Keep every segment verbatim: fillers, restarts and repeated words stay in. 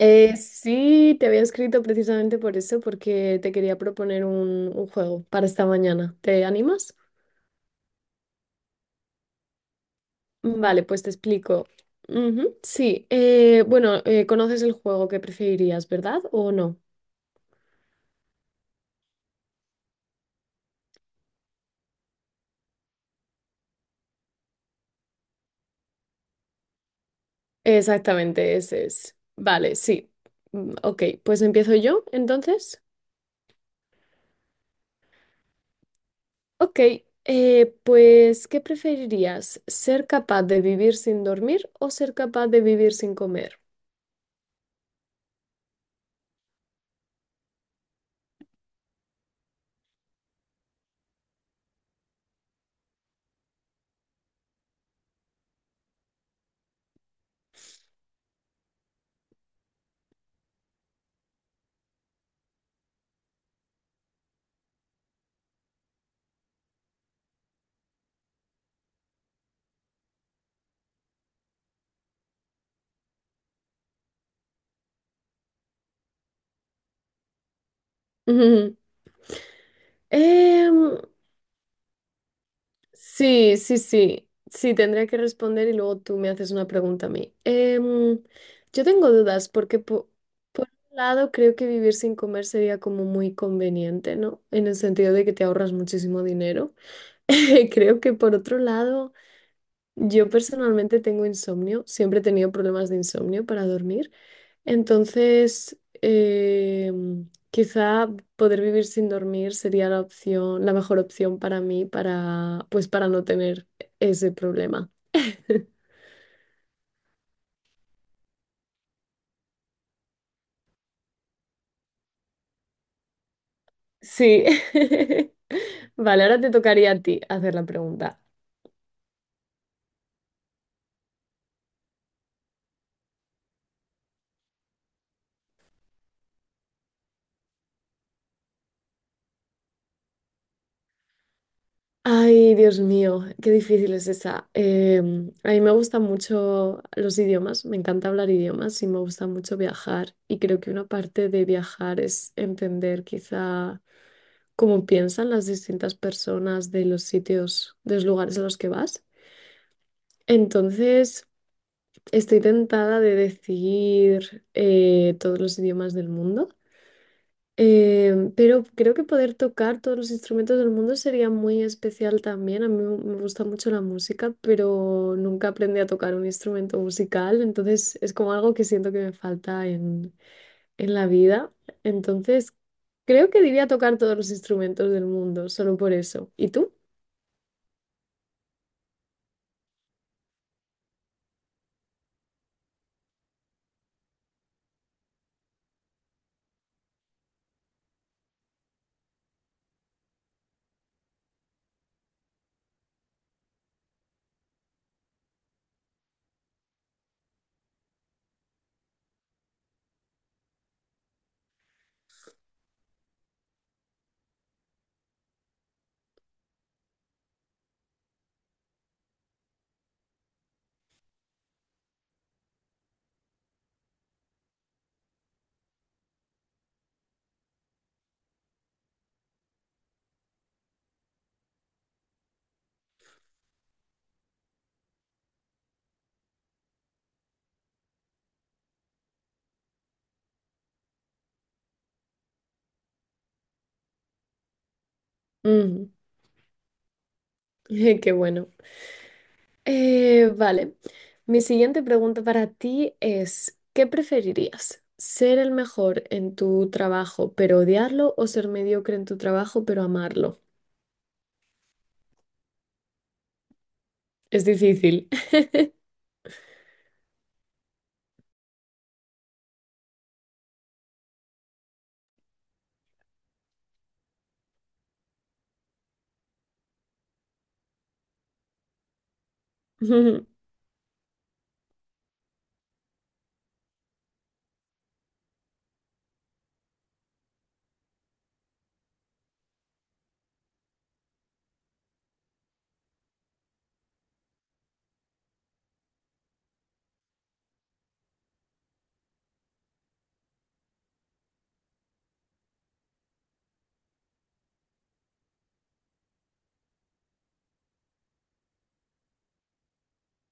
Eh, sí, te había escrito precisamente por eso, porque te quería proponer un, un juego para esta mañana. ¿Te animas? Vale, pues te explico. Ujú, sí, eh, bueno, eh, conoces el juego que preferirías, ¿verdad? ¿O no? Exactamente, ese es. Vale, sí. Mm, ok, pues empiezo yo entonces. Ok, eh, pues ¿qué preferirías? ¿Ser capaz de vivir sin dormir o ser capaz de vivir sin comer? Em, Sí, sí, sí. Sí, tendría que responder y luego tú me haces una pregunta a mí. Em, yo tengo dudas porque por un lado creo que vivir sin comer sería como muy conveniente, ¿no? En el sentido de que te ahorras muchísimo dinero. Creo que por otro lado, yo personalmente tengo insomnio, siempre he tenido problemas de insomnio para dormir. Entonces, eh, quizá poder vivir sin dormir sería la opción, la mejor opción para mí para, pues para no tener ese problema. Sí. Vale, ahora te tocaría a ti hacer la pregunta. Ay, Dios mío, qué difícil es esa. Em, a mí me gustan mucho los idiomas, me encanta hablar idiomas y me gusta mucho viajar. Y creo que una parte de viajar es entender quizá cómo piensan las distintas personas de los sitios, de los lugares a los que vas. Entonces, estoy tentada de decir eh, todos los idiomas del mundo, eh, pero creo que poder tocar todos los instrumentos del mundo sería muy especial también. A mí me me gusta mucho la música, pero nunca aprendí a tocar un instrumento musical, entonces es como algo que siento que me falta en, en la vida. Entonces, creo que diría tocar todos los instrumentos del mundo, solo por eso. ¿Y tú? Ujú. Qué bueno. Eh, vale. Mi siguiente pregunta para ti es, ¿qué preferirías? ¿Ser el mejor en tu trabajo pero odiarlo o ser mediocre en tu trabajo pero amarlo? Es difícil. Ujú.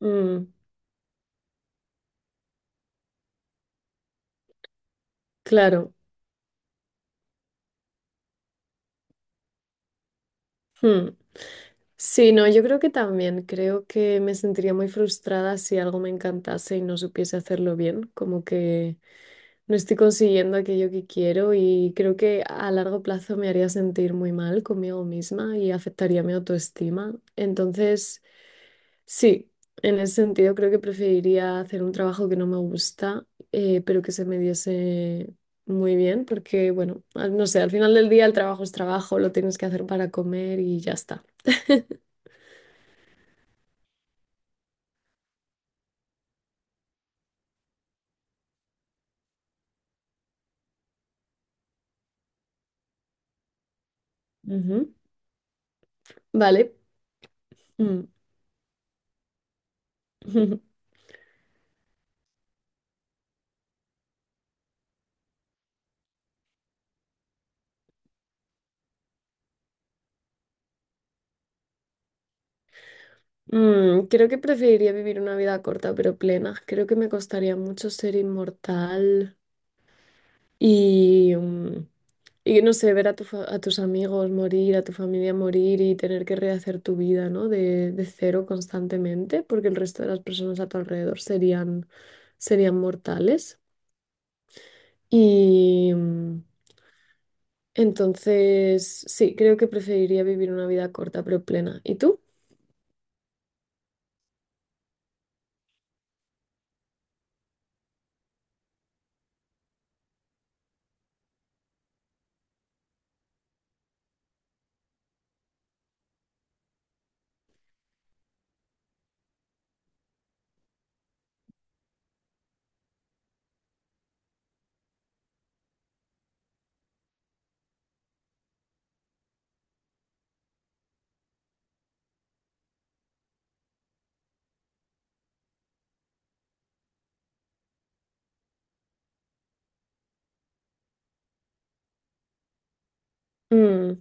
Mm, claro. Mm. Sí, no, yo creo que también. Creo que me sentiría muy frustrada si algo me encantase y no supiese hacerlo bien. Como que no estoy consiguiendo aquello que quiero y creo que a largo plazo me haría sentir muy mal conmigo misma y afectaría mi autoestima. Entonces, sí, en ese sentido creo que preferiría hacer un trabajo que no me gusta, eh, pero que se me diese muy bien, porque bueno, al- no sé, al final del día el trabajo es trabajo, lo tienes que hacer para comer y ya está. Ujú. Vale. Mm. Mm, creo que preferiría vivir una vida corta pero plena. Creo que me costaría mucho ser inmortal. Y, mm, y no sé, ver a, tu fa- a tus amigos morir, a tu familia morir y tener que rehacer tu vida, ¿no? De, de cero constantemente, porque el resto de las personas a tu alrededor serían, serían mortales. Y mm, entonces, sí, creo que preferiría vivir una vida corta pero plena. ¿Y tú? Mm,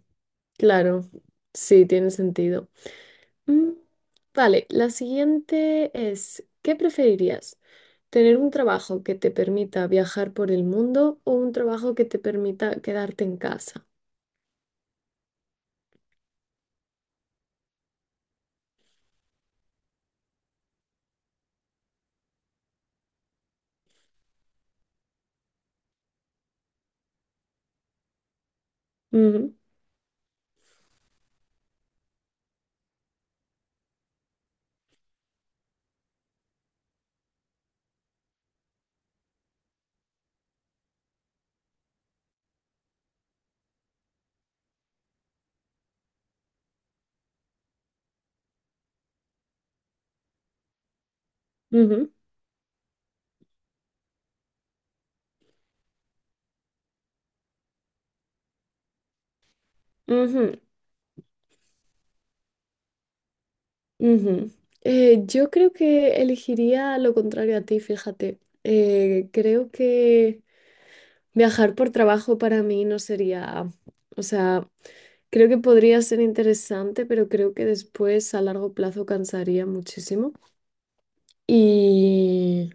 claro, sí, tiene sentido. Mm, vale, la siguiente es, ¿qué preferirías? Tener un trabajo que te permita viajar por el mundo o un trabajo que te permita quedarte en casa. Ujú, ujú, ujú, ujú. Eh, yo creo que elegiría lo contrario a ti, fíjate. Eh, creo que viajar por trabajo para mí no sería, o sea, creo que podría ser interesante, pero creo que después a largo plazo cansaría muchísimo. Y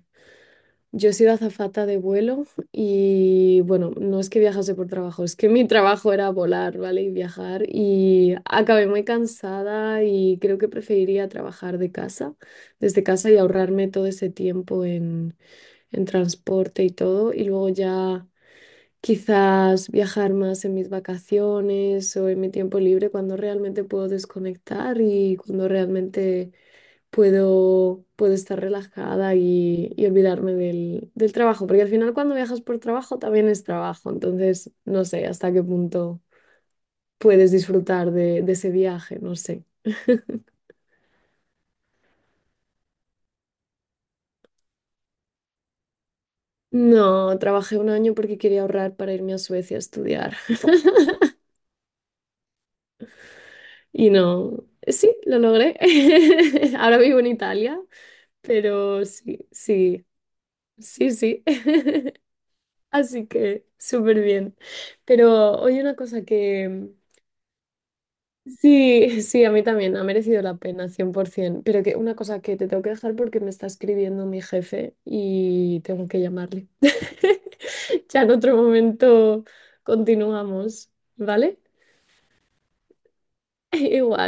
yo he sido azafata de vuelo y bueno, no es que viajase por trabajo, es que mi trabajo era volar, ¿vale? Y viajar y acabé muy cansada y creo que preferiría trabajar de casa, desde casa y ahorrarme todo ese tiempo en, en transporte y todo y luego ya quizás viajar más en mis vacaciones o en mi tiempo libre cuando realmente puedo desconectar y cuando realmente puedo, puedo estar relajada y, y olvidarme del, del trabajo, porque al final cuando viajas por trabajo también es trabajo, entonces no sé hasta qué punto puedes disfrutar de, de ese viaje, no sé. No, trabajé un año porque quería ahorrar para irme a Suecia a estudiar y no, sí, lo logré. Ahora vivo en Italia, pero sí, sí, sí, sí, así que súper bien. Pero oye, una cosa que, sí, sí, a mí también, ha merecido la pena, cien por ciento. Pero que una cosa que te tengo que dejar porque me está escribiendo mi jefe y tengo que llamarle. Ya en otro momento continuamos, ¿vale? Igual.